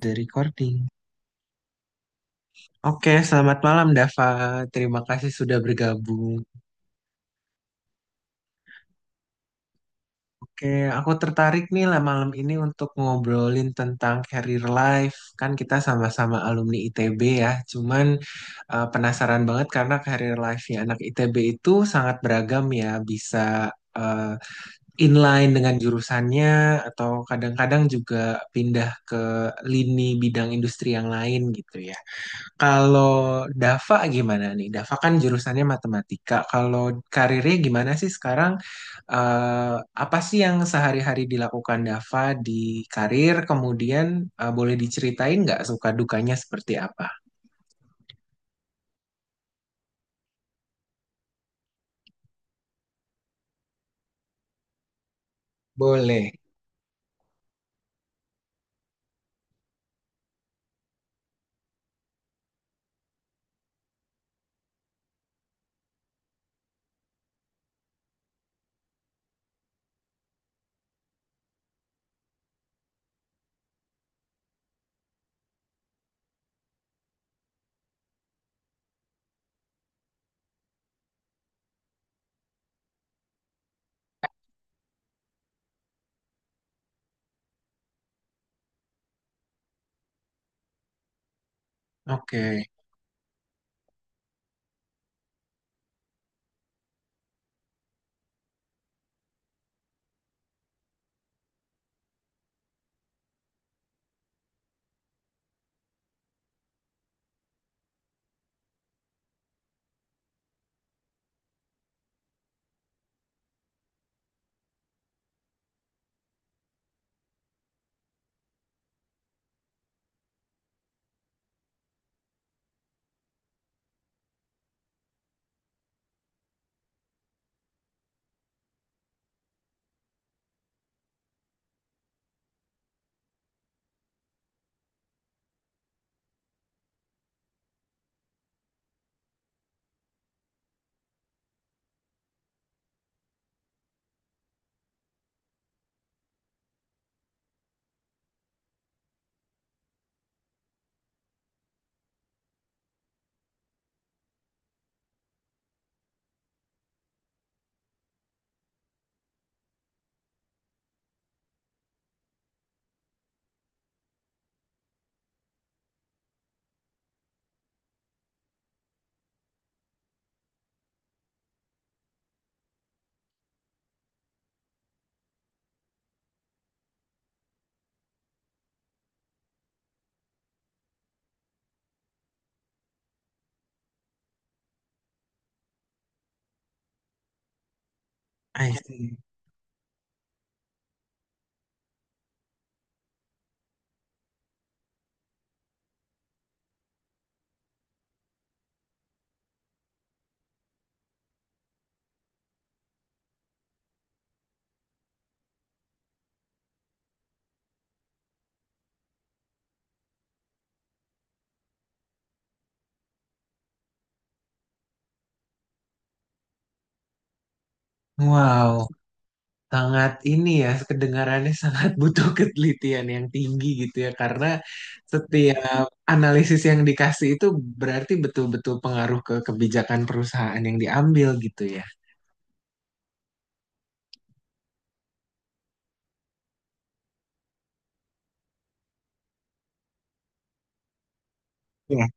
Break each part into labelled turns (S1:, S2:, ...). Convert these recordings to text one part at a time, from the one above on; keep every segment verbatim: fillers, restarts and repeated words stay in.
S1: The recording. Oke, selamat malam Dava. Terima kasih sudah bergabung. Oke, aku tertarik nih lah malam ini untuk ngobrolin tentang career life. Kan kita sama-sama alumni I T B ya. Cuman eh, penasaran banget karena career life-nya anak I T B itu sangat beragam ya. Bisa eh, inline dengan jurusannya atau kadang-kadang juga pindah ke lini bidang industri yang lain gitu ya. Kalau Dava gimana nih? Dava kan jurusannya matematika. Kalau karirnya gimana sih sekarang? Eh, Apa sih yang sehari-hari dilakukan Dava di karir? Kemudian eh, boleh diceritain nggak suka dukanya seperti apa? Boleh. Oke. I see. Wow. Sangat ini ya kedengarannya sangat butuh ketelitian yang tinggi gitu ya, karena setiap analisis yang dikasih itu berarti betul-betul pengaruh ke kebijakan perusahaan yang diambil gitu ya. Iya.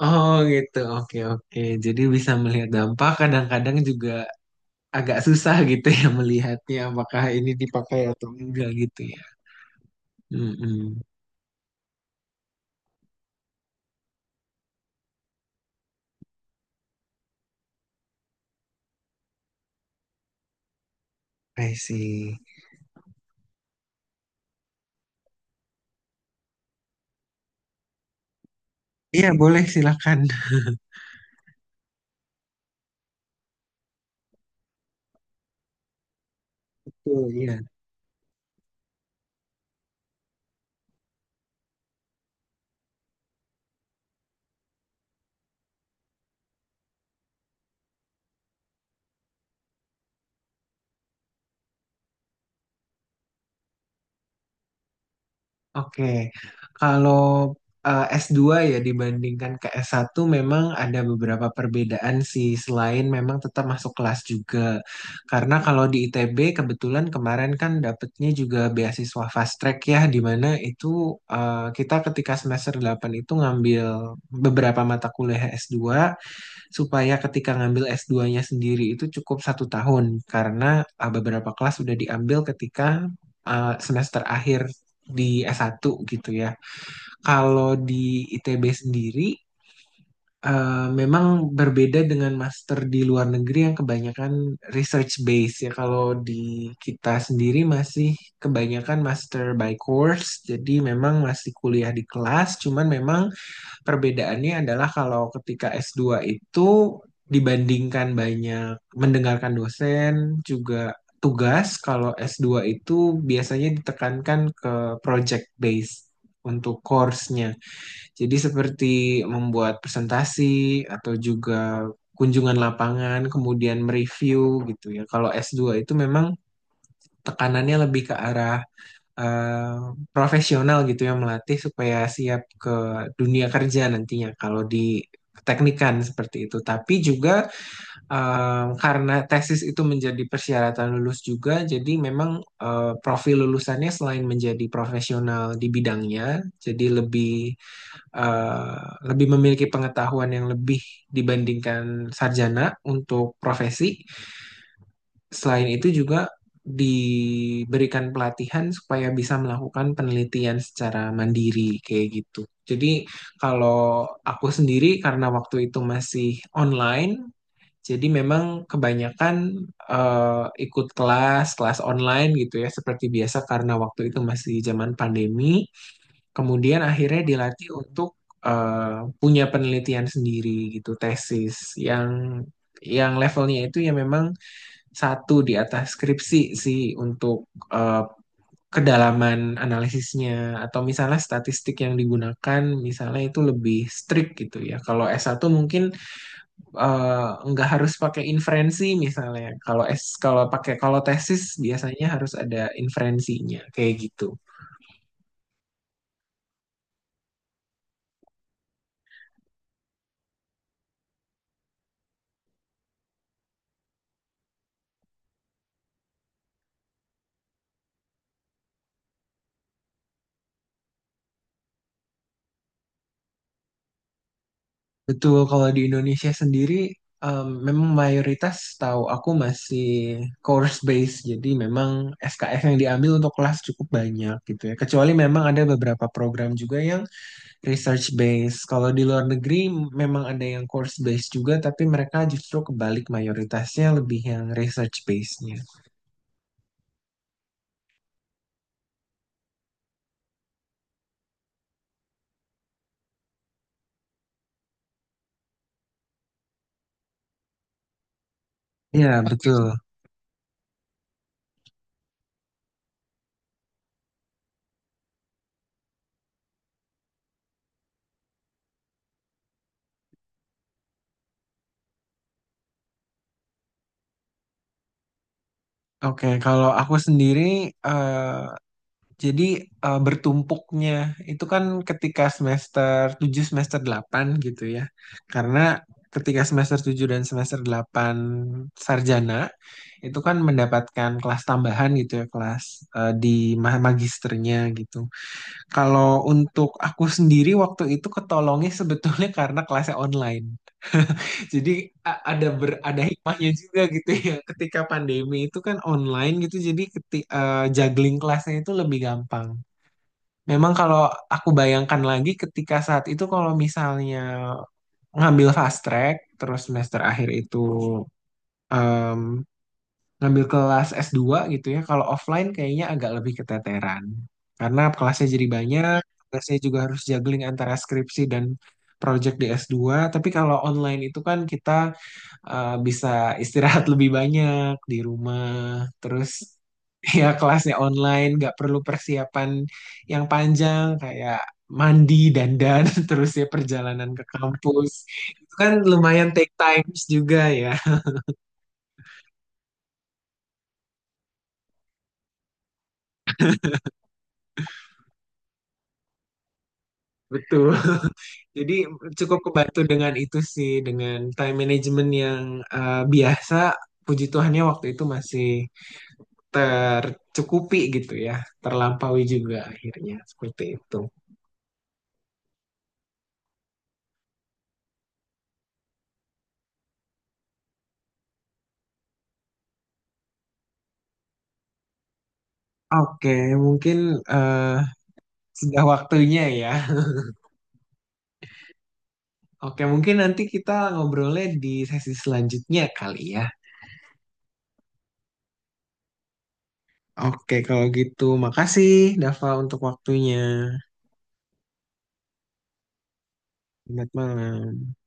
S1: Oh gitu, oke oke. Jadi bisa melihat dampak kadang-kadang juga agak susah gitu ya, melihatnya apakah ini dipakai atau enggak gitu ya. Mm-mm. I see. Iya, boleh silakan. Oh, iya. Oke, kalau eh, s dua ya dibandingkan ke s satu memang ada beberapa perbedaan sih, selain memang tetap masuk kelas juga. Karena kalau di I T B kebetulan kemarin kan dapetnya juga beasiswa fast track ya, di mana itu eh, kita ketika semester delapan itu ngambil beberapa mata kuliah s dua supaya ketika ngambil s duanya sendiri itu cukup satu tahun, karena uh, beberapa kelas sudah diambil ketika uh, semester akhir di s satu gitu ya. Kalau di I T B sendiri uh, memang berbeda dengan master di luar negeri yang kebanyakan research base ya. Kalau di kita sendiri masih kebanyakan master by course, jadi memang masih kuliah di kelas, cuman memang perbedaannya adalah kalau ketika s dua itu dibandingkan banyak mendengarkan dosen juga tugas, kalau s dua itu biasanya ditekankan ke project base untuk course-nya. Jadi seperti membuat presentasi atau juga kunjungan lapangan, kemudian mereview gitu ya. Kalau s dua itu memang tekanannya lebih ke arah eh, profesional gitu, yang melatih supaya siap ke dunia kerja nantinya kalau di teknikan seperti itu. Tapi juga eh, karena tesis itu menjadi persyaratan lulus juga, jadi memang eh, profil lulusannya selain menjadi profesional di bidangnya, jadi lebih eh, lebih memiliki pengetahuan yang lebih dibandingkan sarjana untuk profesi. Selain itu juga diberikan pelatihan supaya bisa melakukan penelitian secara mandiri kayak gitu. Jadi kalau aku sendiri karena waktu itu masih online, jadi memang kebanyakan eh, ikut kelas, kelas online gitu ya, seperti biasa karena waktu itu masih zaman pandemi. Kemudian akhirnya dilatih untuk eh, punya penelitian sendiri gitu, tesis yang yang levelnya itu ya memang satu di atas skripsi sih untuk eh, kedalaman analisisnya atau misalnya statistik yang digunakan misalnya itu lebih strict gitu ya. Kalau s satu mungkin eh, nggak harus pakai inferensi misalnya. Kalau S kalau pakai kalau tesis biasanya harus ada inferensinya kayak gitu. Betul, kalau di Indonesia sendiri em, memang mayoritas tahu aku masih course based, jadi memang S K S yang diambil untuk kelas cukup banyak gitu ya. Kecuali memang ada beberapa program juga yang research based. Kalau di luar negeri memang ada yang course based juga, tapi mereka justru kebalik mayoritasnya lebih yang research based-nya. Iya, betul. Oke, kalau aku sendiri eh, jadi eh, bertumpuknya itu kan ketika semester tujuh semester delapan gitu ya. Karena ketika semester tujuh dan semester delapan sarjana itu kan mendapatkan kelas tambahan gitu ya, kelas eh, di ma- magisternya gitu. Kalau untuk aku sendiri waktu itu ketolongnya sebetulnya karena kelasnya online. Jadi a- ada ber, ada hikmahnya juga gitu ya. Ketika pandemi itu kan online gitu jadi keti, eh, juggling kelasnya itu lebih gampang. Memang kalau aku bayangkan lagi ketika saat itu kalau misalnya ngambil fast track terus semester akhir itu em, ngambil kelas s dua gitu ya, kalau offline kayaknya agak lebih keteteran karena kelasnya jadi banyak, saya juga harus juggling antara skripsi dan project di s dua. Tapi kalau online itu kan kita eh, bisa istirahat lebih banyak di rumah. Terus ya kelasnya online, nggak perlu persiapan yang panjang kayak mandi, dandan, terus ya perjalanan ke kampus. Itu kan lumayan take times juga ya, betul. Jadi cukup kebantu dengan itu sih, dengan time management yang eh, biasa. Puji Tuhannya waktu itu masih tercukupi gitu ya, terlampaui juga akhirnya seperti itu. Oke, mungkin eh, sudah waktunya ya. Oke, mungkin nanti kita ngobrolnya di sesi selanjutnya kali ya. Oke, kalau gitu makasih Dava untuk waktunya. Selamat malam.